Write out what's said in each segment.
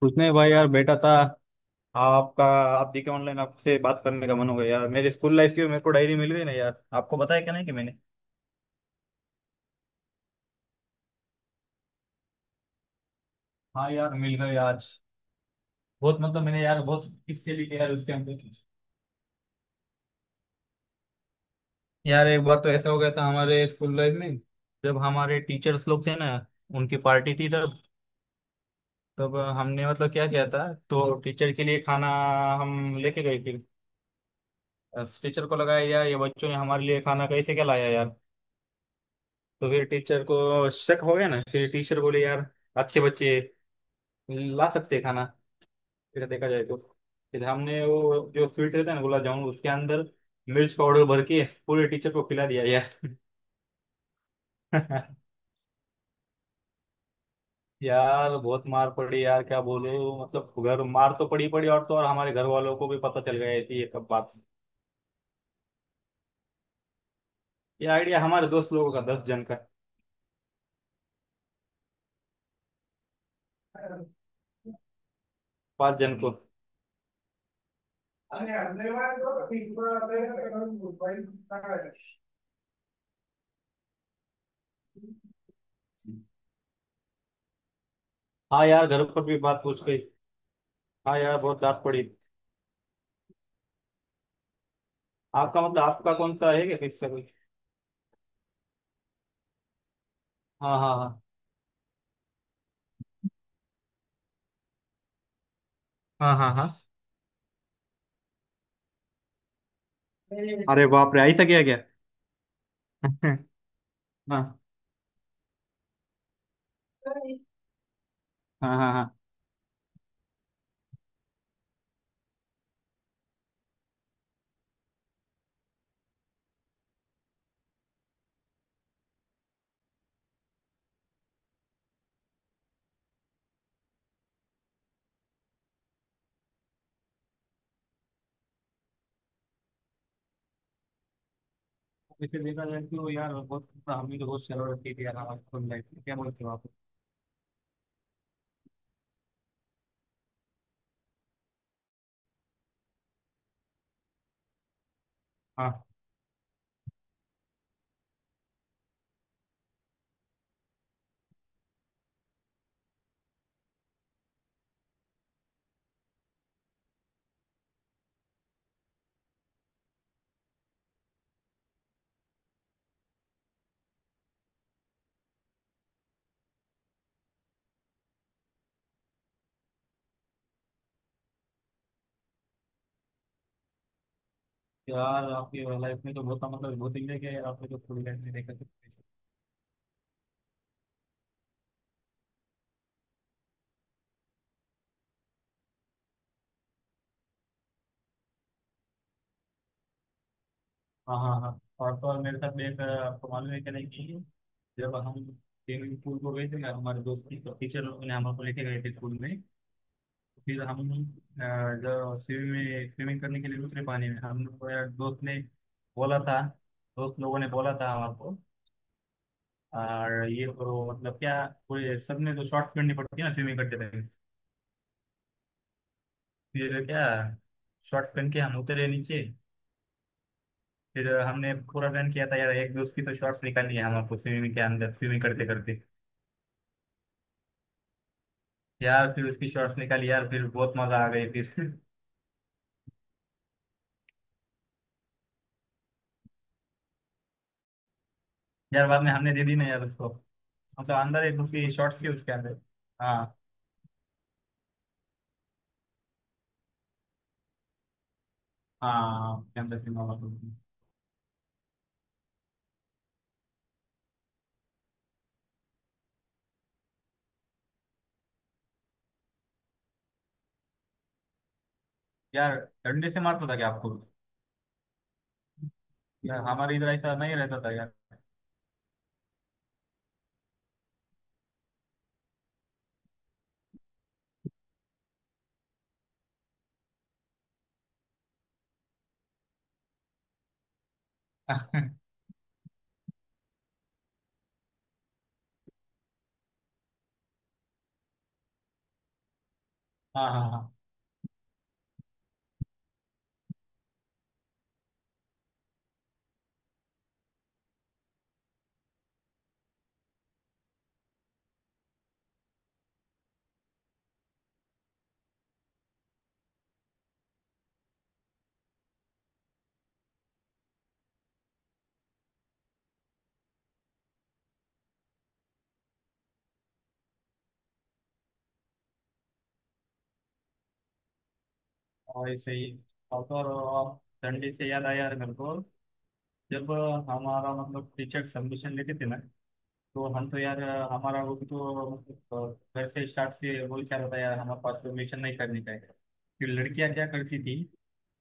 कुछ नहीं भाई, यार बैठा था आपका। आप देखे ऑनलाइन आपसे बात करने का मन हो गया। यार मेरे स्कूल लाइफ की मेरे को डायरी मिल गई ना, यार आपको बताया क्या नहीं कि मैंने। हाँ यार, मिल गए आज। बहुत, मतलब मैंने यार बहुत किस्से लिखे यार उसके अंदर। यार एक बार तो ऐसा हो गया था हमारे स्कूल लाइफ में। जब हमारे टीचर्स लोग थे ना, उनकी पार्टी थी तब। तब हमने, मतलब क्या किया था तो टीचर के लिए खाना हम लेके गए। फिर टीचर को लगाया यार ये बच्चों ने हमारे लिए खाना कैसे क्या लाया यार। तो फिर टीचर को शक हो गया ना, फिर टीचर बोले यार अच्छे बच्चे ला सकते हैं खाना। फिर देखा जाए तो, फिर हमने वो जो स्वीट रहता है ना, गुलाब जामुन, उसके अंदर मिर्च पाउडर भर के पूरे टीचर को खिला दिया यार। यार बहुत मार पड़ी यार, क्या बोलूं। मतलब घर मार तो पड़ी पड़ी, और तो और हमारे घर वालों को भी पता चल गया थी ये कब बात। ये आइडिया हमारे दोस्त लोगों का, दस जन का। पांच जन को। हाँ यार घर पर भी बात पूछ गई। हाँ यार बहुत डांट पड़ी। आपका मतलब आपका कौन सा है, क्या किससे कोई? हाँ हाँ हाँ हाँ। हाँ हाँ। अरे बाप रे, ऐसा किया क्या? हाँ हाँ। हाँ हाँ हाँ। इसे देखा जाए तो यार बहुत, मतलब हमने तो बहुत शरारत की थी यार हमारी लाइफ में, क्या बोलते हो आप? हाँ। यार आपकी लाइफ में तो बहुत, मतलब बहुत इंजॉय किया यार आपने तो पूरी लाइफ में, देखा तो। हाँ हाँ हाँ। और तो और मेरे साथ एक आपको मालूम है क्या नहीं कि जब हम स्विमिंग पूल को गए थे ना, हमारे दोस्त की तो टीचर ने हमको लेके गए थे स्कूल में। तो फिर हम, अ, जो स्विमिंग में स्विमिंग करने के लिए उतरे पानी में, हम लोग, दोस्त ने बोला था, दोस्त लोगों ने बोला था हमारे को। और ये करो, मतलब क्या कोई सबने तो शॉर्ट्स पहननी पड़ती है ना स्विमिंग करते टाइम। फिर क्या, शॉर्ट्स पहन के हम उतरे नीचे। फिर हमने पूरा प्लान किया था यार, एक दोस्त की तो शॉर्ट्स निकालनी है हमारे को स्विमिंग के अंदर, स्विमिंग करते करते। यार फिर उसकी शॉर्ट्स निकाली यार, फिर बहुत मजा आ गई फिर। यार बाद में हमने दे दी ना यार उसको। मतलब अंदर एक उसकी शॉर्ट्स थी उसके अंदर। हाँ। हाँ कैंपस में हुआ तो। यार डंडे से मारता था क्या आपको? यार हमारे इधर ऐसा नहीं रहता था यार। हाँ हाँ हाँ। और ऐसे ही, और तो और डंडे से याद आया यार मेरे को। जब हमारा, मतलब टीचर सबमिशन लेते थे ना, तो हम तो यार, हमारा वो तो मतलब घर से स्टार्ट से बोल, क्या रहता है यार हमारे पास परमिशन नहीं करने का है। फिर लड़कियां क्या करती थी,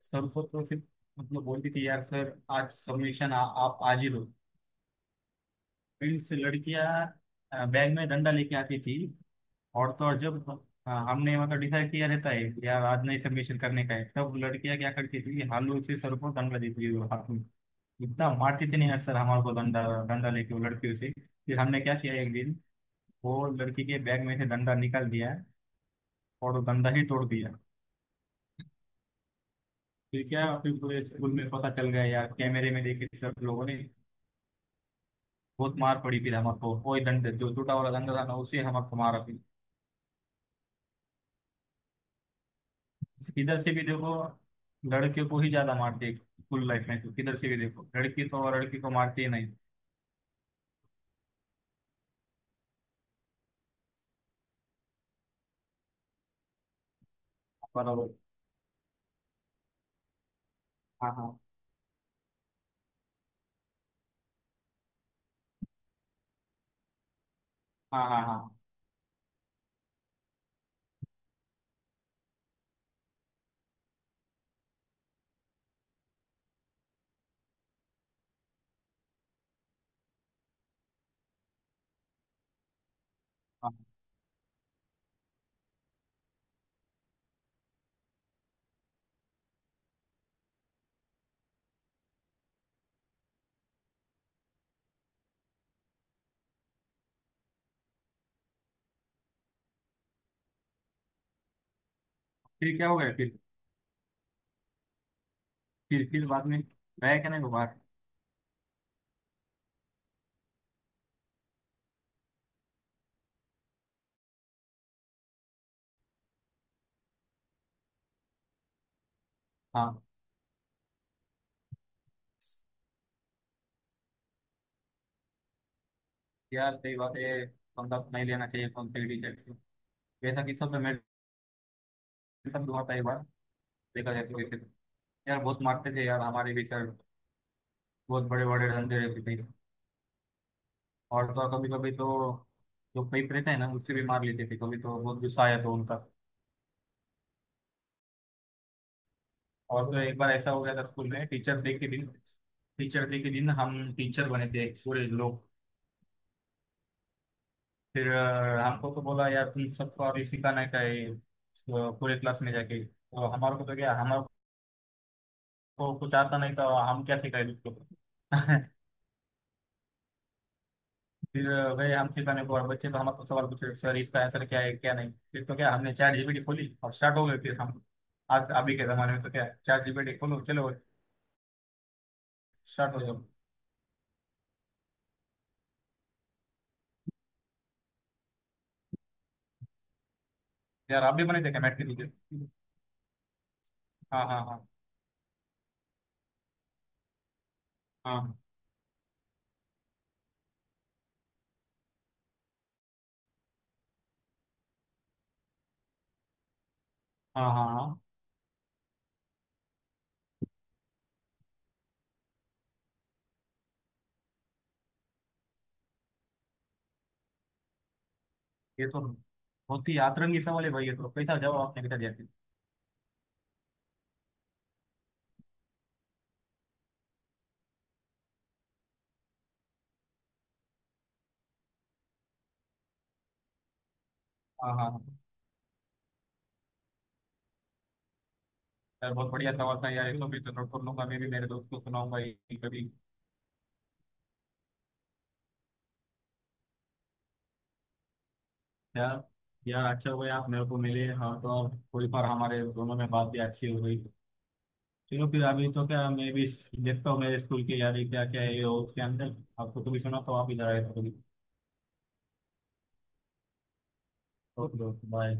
सर को तो फिर, मतलब बोलती थी यार, सर आज सबमिशन आप आज ही लो। फील्ड से लड़कियां बैग में डंडा लेके आती थी। और तो और जब, हमने मतलब डिसाइड किया रहता है कि यार आज नहीं सबमिशन करने का है, तब लड़कियां क्या करती थी, हालू से सर को डंडा देती थी हाथ में। इतना मारते थे नहीं हर सर हमारे को डंडा, लेके वो लड़कियों से। फिर हमने क्या किया एक दिन, वो लड़की के बैग में से डंडा निकाल दिया और वो डंडा ही तोड़ दिया। फिर क्या, फिर पूरे स्कूल में पता चल गया यार, कैमरे में देखे सब लोगों ने। बहुत मार पड़ी फिर हमको, वही डंडे, जो टूटा वाला डंडा था ना, उसे हमको मारा फिर। किधर से भी देखो लड़के को ही ज्यादा मारती है स्कूल लाइफ में, तो किधर से भी देखो, लड़की तो, और लड़की को मारती ही नहीं। बराबर। हाँ हाँ हाँ। हाँ हाँ हाँ। फिर क्या हो गया फिर? फिर बाद में रह के नहीं को बाहर। हाँ यार सही बात है, पंगा नहीं लेना चाहिए कौन से टीचर को। वैसा किस्सा तो मेरे साथ भी हुआ था एक बार। देखा जाए तो वैसे तो। यार बहुत मारते थे यार हमारे भी सर, बहुत बड़े बड़े डंडे रहते थे। और तो कभी कभी तो जो पेट रहता है ना उससे भी मार लेते थे, कभी तो बहुत गुस्सा आया था उनका। और तो एक बार ऐसा हो गया था स्कूल में टीचर्स डे के दिन। टीचर डे के दिन हम टीचर बने थे पूरे लोग। फिर हमको तो बोला यार तुम सबको अभी सिखाना क्या है तो पूरे क्लास में जाके, तो हमारे को तो क्या, हमारे को कुछ आता नहीं था। हम क्या सिखाए उसको? फिर गए हम सिखाने को, और बच्चे तो हमारे को सवाल पूछे सर इसका आंसर क्या है क्या नहीं, फिर तो क्या हमने चैट जीपीटी खोली और स्टार्ट हो गए फिर हम। आज अभी के जमाने में तो क्या, चैट जीपीटी खोलो, चलो स्टार्ट हो जाओ। यार आप भी बने थे क्या मैट के टीचर? हाँ हाँ हाँ। हाँ हाँ हाँ हाँ। ये तो बहुत ही आतरंगी सवाल है भाई, ये तो कैसा जवाब आपने बेटा दिया। हाँ हाँ हाँ। यार बहुत बढ़िया सवाल था यार, इसको भी तो नोट कर लूंगा, मैं भी मेरे दोस्त को सुनाऊंगा ये कभी। यार, यार अच्छा हुआ आप मेरे को मिले, हाँ तो अब कोई बार हमारे दोनों में बात भी अच्छी हो गई। चलो फिर, अभी तो क्या मैं भी देखता हूँ मेरे स्कूल के यार ये क्या क्या है ये उसके अंदर, आपको कभी सुना तो आप इधर आए तो कभी। Okay okay bye.